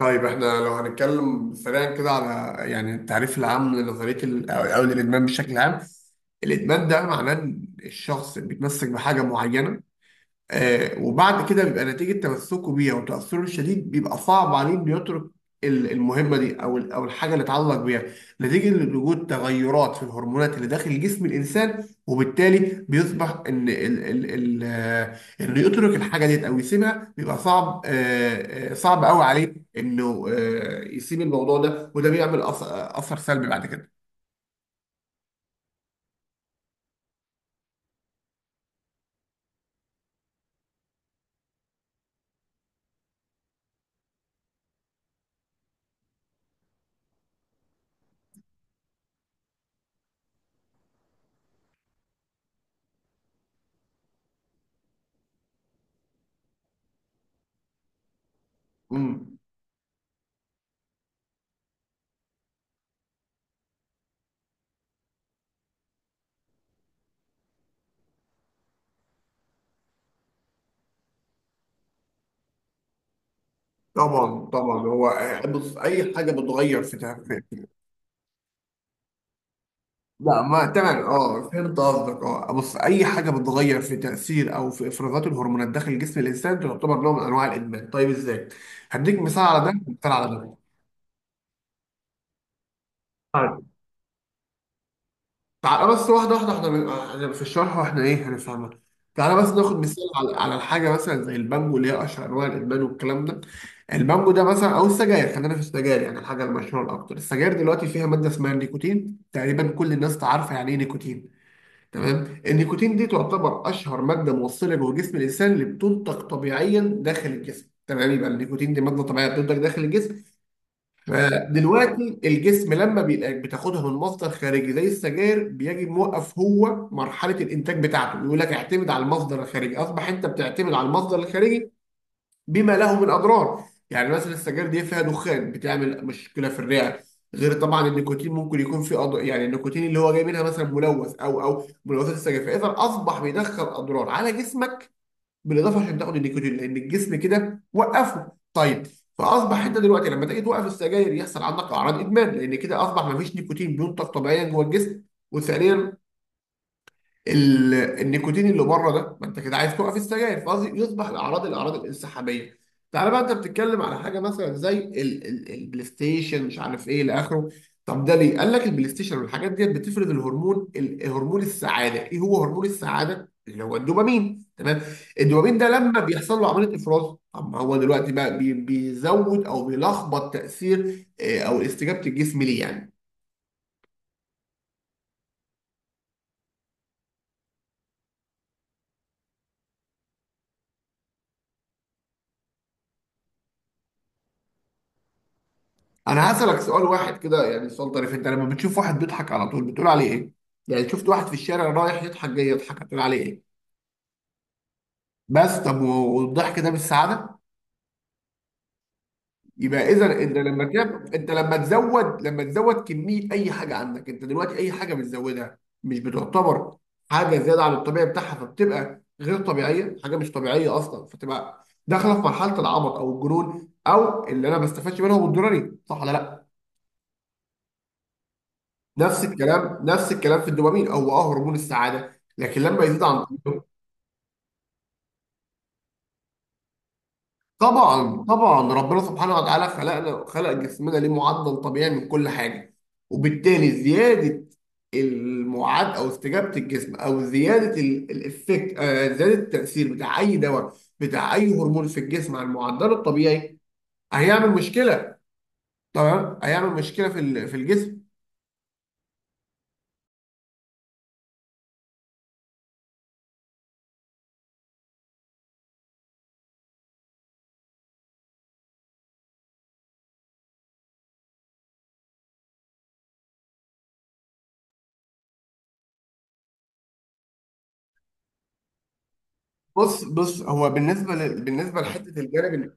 طيب احنا لو هنتكلم سريعا كده على التعريف العام لنظريه ال- او أو للادمان بشكل عام. الادمان ده معناه ان الشخص بيتمسك بحاجه معينه، وبعد كده بيبقى نتيجة تمسكه بيها وتأثره الشديد بيبقى صعب عليه إنه يترك المهمة دي أو الحاجة اللي اتعلق بيها نتيجة لوجود تغيرات في الهرمونات اللي داخل جسم الإنسان، وبالتالي بيصبح إن ال ال ال آه، إنه يترك الحاجة ديت أو يسيبها بيبقى صعب قوي عليه إنه يسيب الموضوع ده، وده بيعمل أثر سلبي بعد كده. مم. طبعا طبعا هو، بص أي حاجة بتغير في. لا، ما تمام، اه فهمت قصدك. اه بص، اي حاجه بتتغير في تاثير او في افرازات الهرمونات داخل جسم الانسان تعتبر نوع من انواع الادمان. طيب ازاي؟ هديك مثال على ده، مثال على ده. طيب. تعالى بس واحده واحده، احنا في الشرح واحنا ايه هنفهمها. تعالى بس ناخد مثال على الحاجه مثلا زي البانجو اللي هي اشهر انواع الادمان والكلام ده. البانجو ده مثلا او السجاير، خلينا في السجاير يعني الحاجه المشهوره الاكتر. السجاير دلوقتي فيها ماده اسمها النيكوتين، تقريبا كل الناس تعرف يعني ايه نيكوتين. تمام، النيكوتين دي تعتبر اشهر ماده موصله جوه جسم الانسان، اللي بتنتج طبيعيا داخل الجسم. تمام، يبقى النيكوتين دي ماده طبيعيه بتنتج داخل الجسم. فدلوقتي الجسم لما بيلاقيك بتاخدها من مصدر خارجي زي السجاير بيجي موقف، هو مرحله الانتاج بتاعته يقول لك اعتمد على المصدر الخارجي، اصبح انت بتعتمد على المصدر الخارجي بما له من اضرار. يعني مثلا السجاير دي فيها دخان، بتعمل مشكله في الرئه. غير طبعا النيكوتين ممكن يكون في أض... يعني النيكوتين اللي هو جاي منها مثلا ملوث، او ملوثات السجاير، فاذا اصبح بيدخل اضرار على جسمك. بالاضافه عشان تاخد النيكوتين لان الجسم كده وقفه، طيب فاصبح انت دلوقتي لما تيجي توقف السجاير يحصل عندك اعراض ادمان، لان كده اصبح ما فيش نيكوتين بينتج طبيعيا جوه الجسم، وثانيا النيكوتين اللي بره ده، ما انت كده عايز توقف السجاير، فقصدي يصبح الاعراض الانسحابيه. تعالى بقى، انت بتتكلم على حاجه مثلا زي البلاي ستيشن مش عارف ايه الى اخره. طب ده ليه؟ قال لك البلاي ستيشن والحاجات ديت بتفرز الهرمون هرمون السعاده، ايه هو هرمون السعاده؟ اللي هو الدوبامين، تمام؟ الدوبامين ده لما بيحصل له عمليه افراز، طب ما هو دلوقتي بقى بيزود او بيلخبط تاثير او استجابه الجسم ليه يعني. انا هسألك سؤال واحد كده، يعني سؤال طريف، انت لما بتشوف واحد بيضحك على طول بتقول عليه ايه؟ يعني شفت واحد في الشارع رايح يضحك جاي يضحك، هتقول عليه ايه؟ بس طب، والضحك ده مش سعادة؟ يبقى اذا انت لما تب... انت لما تزود لما تزود كمية اي حاجة عندك، انت دلوقتي اي حاجة بتزودها مش بتعتبر حاجة زيادة عن الطبيعي بتاعها، فبتبقى غير طبيعية، حاجة مش طبيعية اصلا، فتبقى داخلة في مرحلة العبط او الجنون، او اللي انا ما بستفادش منهم الضروري، صح ولا لا؟ نفس الكلام في الدوبامين، هو اه هرمون السعاده لكن لما يزيد عن طبيعته. طبعا طبعا، ربنا سبحانه وتعالى خلقنا، خلق جسمنا ليه معدل طبيعي من كل حاجه، وبالتالي زياده المعاد او استجابه الجسم او زياده الافكت، زياده التاثير بتاع اي دواء، بتاع اي هرمون في الجسم على المعدل الطبيعي، هيعمل مشكله. تمام، هيعمل مشكله في في الجسم. بص بص، بالنسبه لحته الجانب.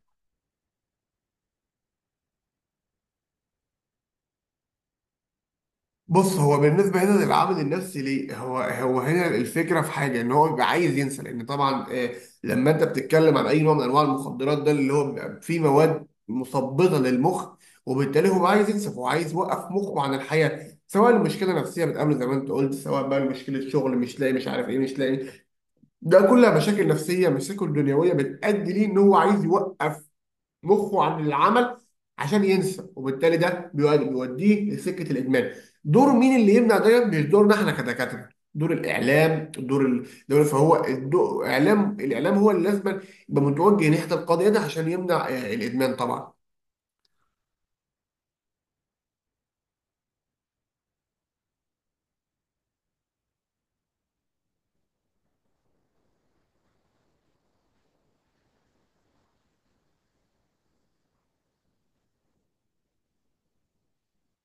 بص، هو بالنسبة هنا للعامل النفسي ليه، هو هنا الفكرة في حاجة ان هو بيبقى عايز ينسى، لان طبعا آه، لما انت بتتكلم عن اي نوع من انواع المخدرات، ده اللي هو بيبقى فيه مواد مثبطة للمخ، وبالتالي هو عايز ينسى، هو عايز يوقف مخه عن الحياة. سواء المشكلة نفسية بتقابله زي ما انت قلت، سواء بقى مشكلة شغل، مش لاقي، مش عارف ايه، مش لاقي، ده كلها مشاكل نفسية، مشاكل دنيوية بتأدي ليه ان هو عايز يوقف مخه عن العمل عشان ينسى، وبالتالي ده بيوديه لسكه الادمان. دور مين اللي يمنع ده؟ مش دورنا احنا كدكاتره، دور الاعلام، دور الدوله، فهو الدو- اعلام الاعلام هو اللي لازم يبقى متوجه ناحيه القضيه دي عشان يمنع الادمان طبعا.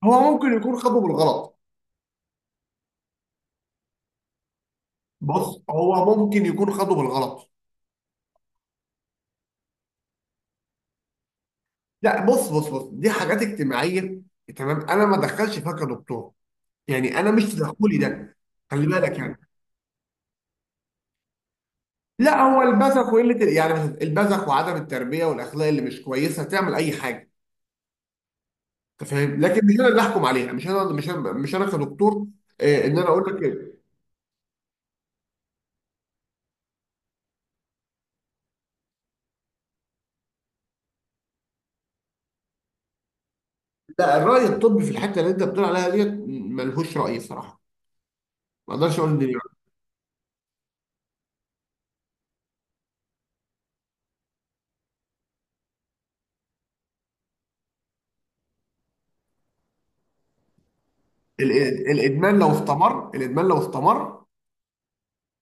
هو ممكن يكون خده بالغلط. بص، هو ممكن يكون خده بالغلط. لا بص، دي حاجات اجتماعيه، تمام. انا ما دخلش فيها كدكتور، يعني انا مش تدخلي ده، خلي بالك يعني. لا هو البذخ وقله يعني مثلا البذخ وعدم التربيه والاخلاق اللي مش كويسه تعمل اي حاجه. انت فاهم، لكن مش انا اللي احكم عليها، مش انا كدكتور ان انا اقول لك إيه. لا، الراي الطبي في الحته اللي انت بتقول عليها ديت ملهوش راي صراحه، ما اقدرش اقول ان الادمان لو استمر، الادمان لو استمر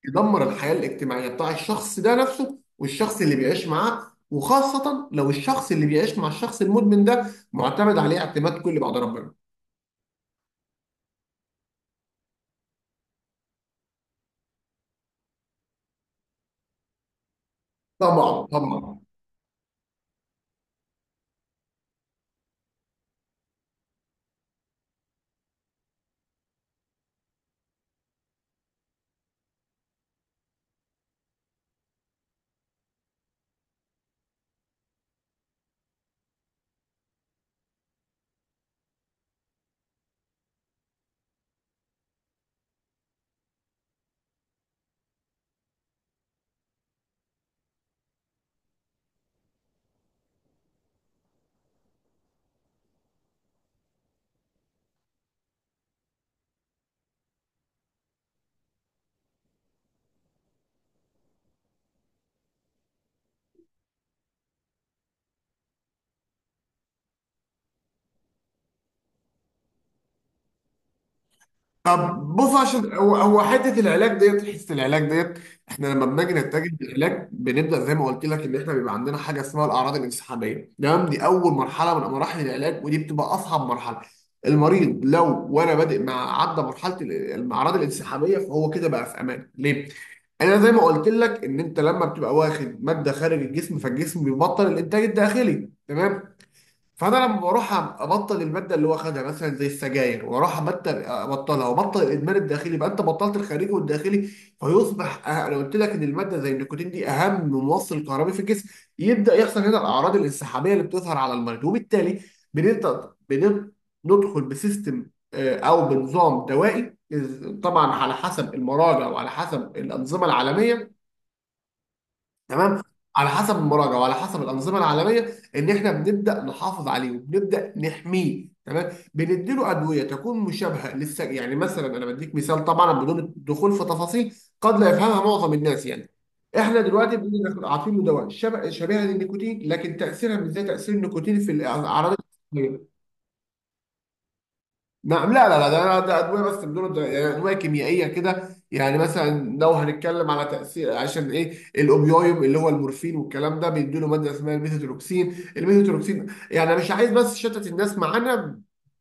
يدمر الحياه الاجتماعيه بتاع الشخص ده نفسه، والشخص اللي بيعيش معاه، وخاصه لو الشخص اللي بيعيش مع الشخص المدمن ده معتمد عليه اعتماد كلي بعد ربنا. طبعا طبعا. طب بص، عشان هو حته العلاج ديت، حته العلاج ديت، احنا لما بنيجي نتجه للعلاج بنبدا زي ما قلت لك، ان احنا بيبقى عندنا حاجه اسمها الاعراض الانسحابيه، تمام، دي اول مرحله من مراحل العلاج، ودي بتبقى اصعب مرحله. المريض لو وانا بادئ مع عدى مرحله الاعراض الانسحابيه، فهو كده بقى في امان. ليه؟ انا زي ما قلت لك، ان انت لما بتبقى واخد ماده خارج الجسم فالجسم بيبطل الانتاج الداخلي، تمام. فانا لما بروح ابطل الماده اللي هو خدها مثلا زي السجاير، واروح ابطل ابطلها وابطل الادمان الداخلي، يبقى انت بطلت الخارجي والداخلي. فيصبح انا قلت لك ان الماده زي النيكوتين دي اهم موصل كهربي في الجسم، يبدا يحصل هنا الاعراض الانسحابيه اللي بتظهر على المريض، وبالتالي بنبدا بنب- ندخل بسيستم، او بنظام دوائي طبعا على حسب المراجع وعلى حسب الانظمه العالميه، تمام. على حسب المراجعه وعلى حسب الانظمه العالميه، ان احنا بنبدا نحافظ عليه، وبنبدا نحميه. تمام، بنديله ادويه تكون مشابهه للس، يعني مثلا انا بديك مثال طبعا بدون الدخول في تفاصيل قد لا يفهمها معظم الناس يعني. احنا دلوقتي بنقول إحنا عاطين له دواء شبيهه للنيكوتين، لكن تاثيرها مش زي تاثير النيكوتين في الاعراض الجسدية. نعم، لا ده ده ادويه بس بدون يعني ادويه كيميائيه كده، يعني مثلا لو هنتكلم على تاثير، عشان ايه الاوبيويد اللي هو المورفين والكلام ده بيدوا له ماده اسمها الميثوتروكسين، الميثوتروكسين، يعني انا مش عايز بس شتت الناس معانا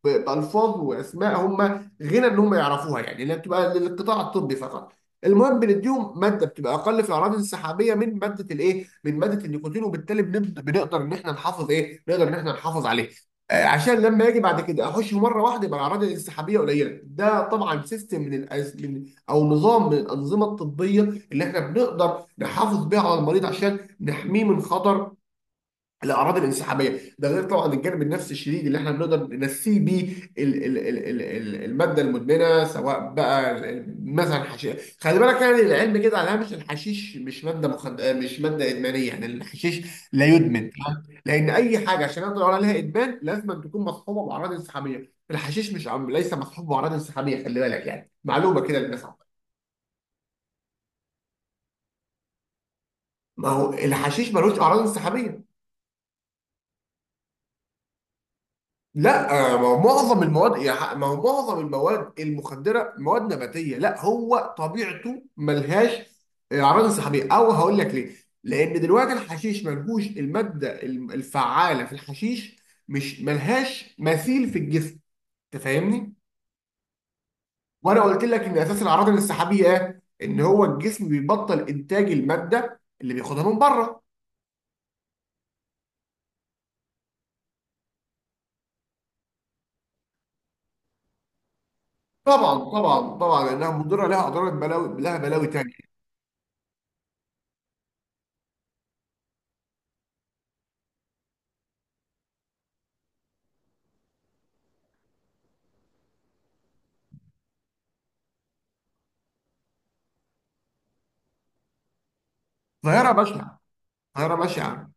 بالفاظ واسماء هم غنى ان هم يعرفوها، يعني اللي بتبقى للقطاع الطبي فقط. المهم بنديهم ماده بتبقى اقل في الاعراض الانسحابيه من ماده الايه، من ماده النيكوتين، وبالتالي بنقدر ان احنا نحافظ ايه، نقدر ان احنا نحافظ عليها، عشان لما اجي بعد كده اخش مره واحده يبقى الاعراض الانسحابيه قليله. ده طبعا سيستم من الأز... من، او نظام من الانظمه الطبيه اللي احنا بنقدر نحافظ بيه على المريض عشان نحميه من خطر الاعراض الانسحابيه. ده غير طبعا الجانب النفسي الشديد اللي احنا بنقدر ننسيه بيه الماده المدمنه، سواء بقى مثلا حشيش. خلي بالك يعني، العلم كده على هامش، الحشيش مش ماده مخد... مش ماده ادمانيه يعني، الحشيش لا يدمن، تمام؟ لان اي حاجه عشان نقدر نقول عليها ادمان لازم أن تكون مصحوبه باعراض انسحابيه، الحشيش مش عم... ليس مصحوب باعراض انسحابيه، خلي بالك يعني، معلومه كده للناس عامة. ما هو الحشيش ملوش اعراض انسحابيه. لا، ما هو معظم المواد يا ما هو معظم المواد المخدره مواد نباتيه، لا هو طبيعته ملهاش اعراض انسحابيه، او هقول لك ليه. لان دلوقتي الحشيش ملهوش الماده الفعاله في الحشيش، مش ملهاش مثيل في الجسم، انت فاهمني. وانا قلت لك ان اساس الاعراض الانسحابيه ايه؟ ان هو الجسم بيبطل انتاج الماده اللي بياخدها من بره. طبعا طبعا طبعا، لانها مضره، لها اضرار، بلاوي، لها بلاوي تانيه. ظاهره بشعه، ظاهره بشعه.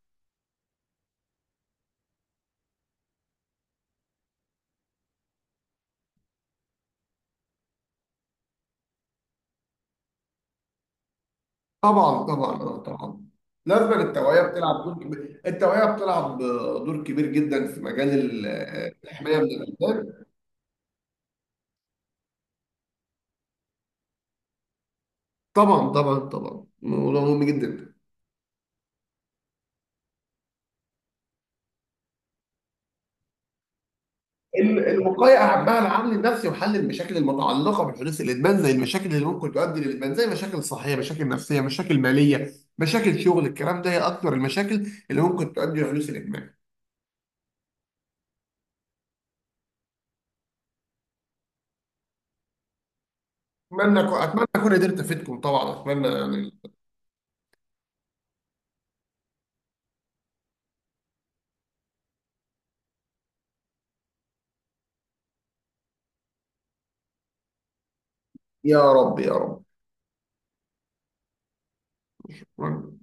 طبعا طبعا، طبعا، لازم التوعيه بتلعب دور كبير، التوعيه بتلعب دور كبير جدا في مجال ال- الحمايه من الامراض. طبعا طبعا طبعا، موضوع مهم جدا. الوقايه اهمها العامل النفسي وحل المشاكل المتعلقه بحدوث الادمان، زي المشاكل اللي ممكن تؤدي للادمان، زي مشاكل صحيه، مشاكل نفسيه، مشاكل ماليه، مشاكل شغل، الكلام ده هي اكثر المشاكل اللي ممكن تؤدي لحدوث الادمان. اتمنى اكون قدرت افيدكم طبعا، اتمنى يعني. يا رب يا رب.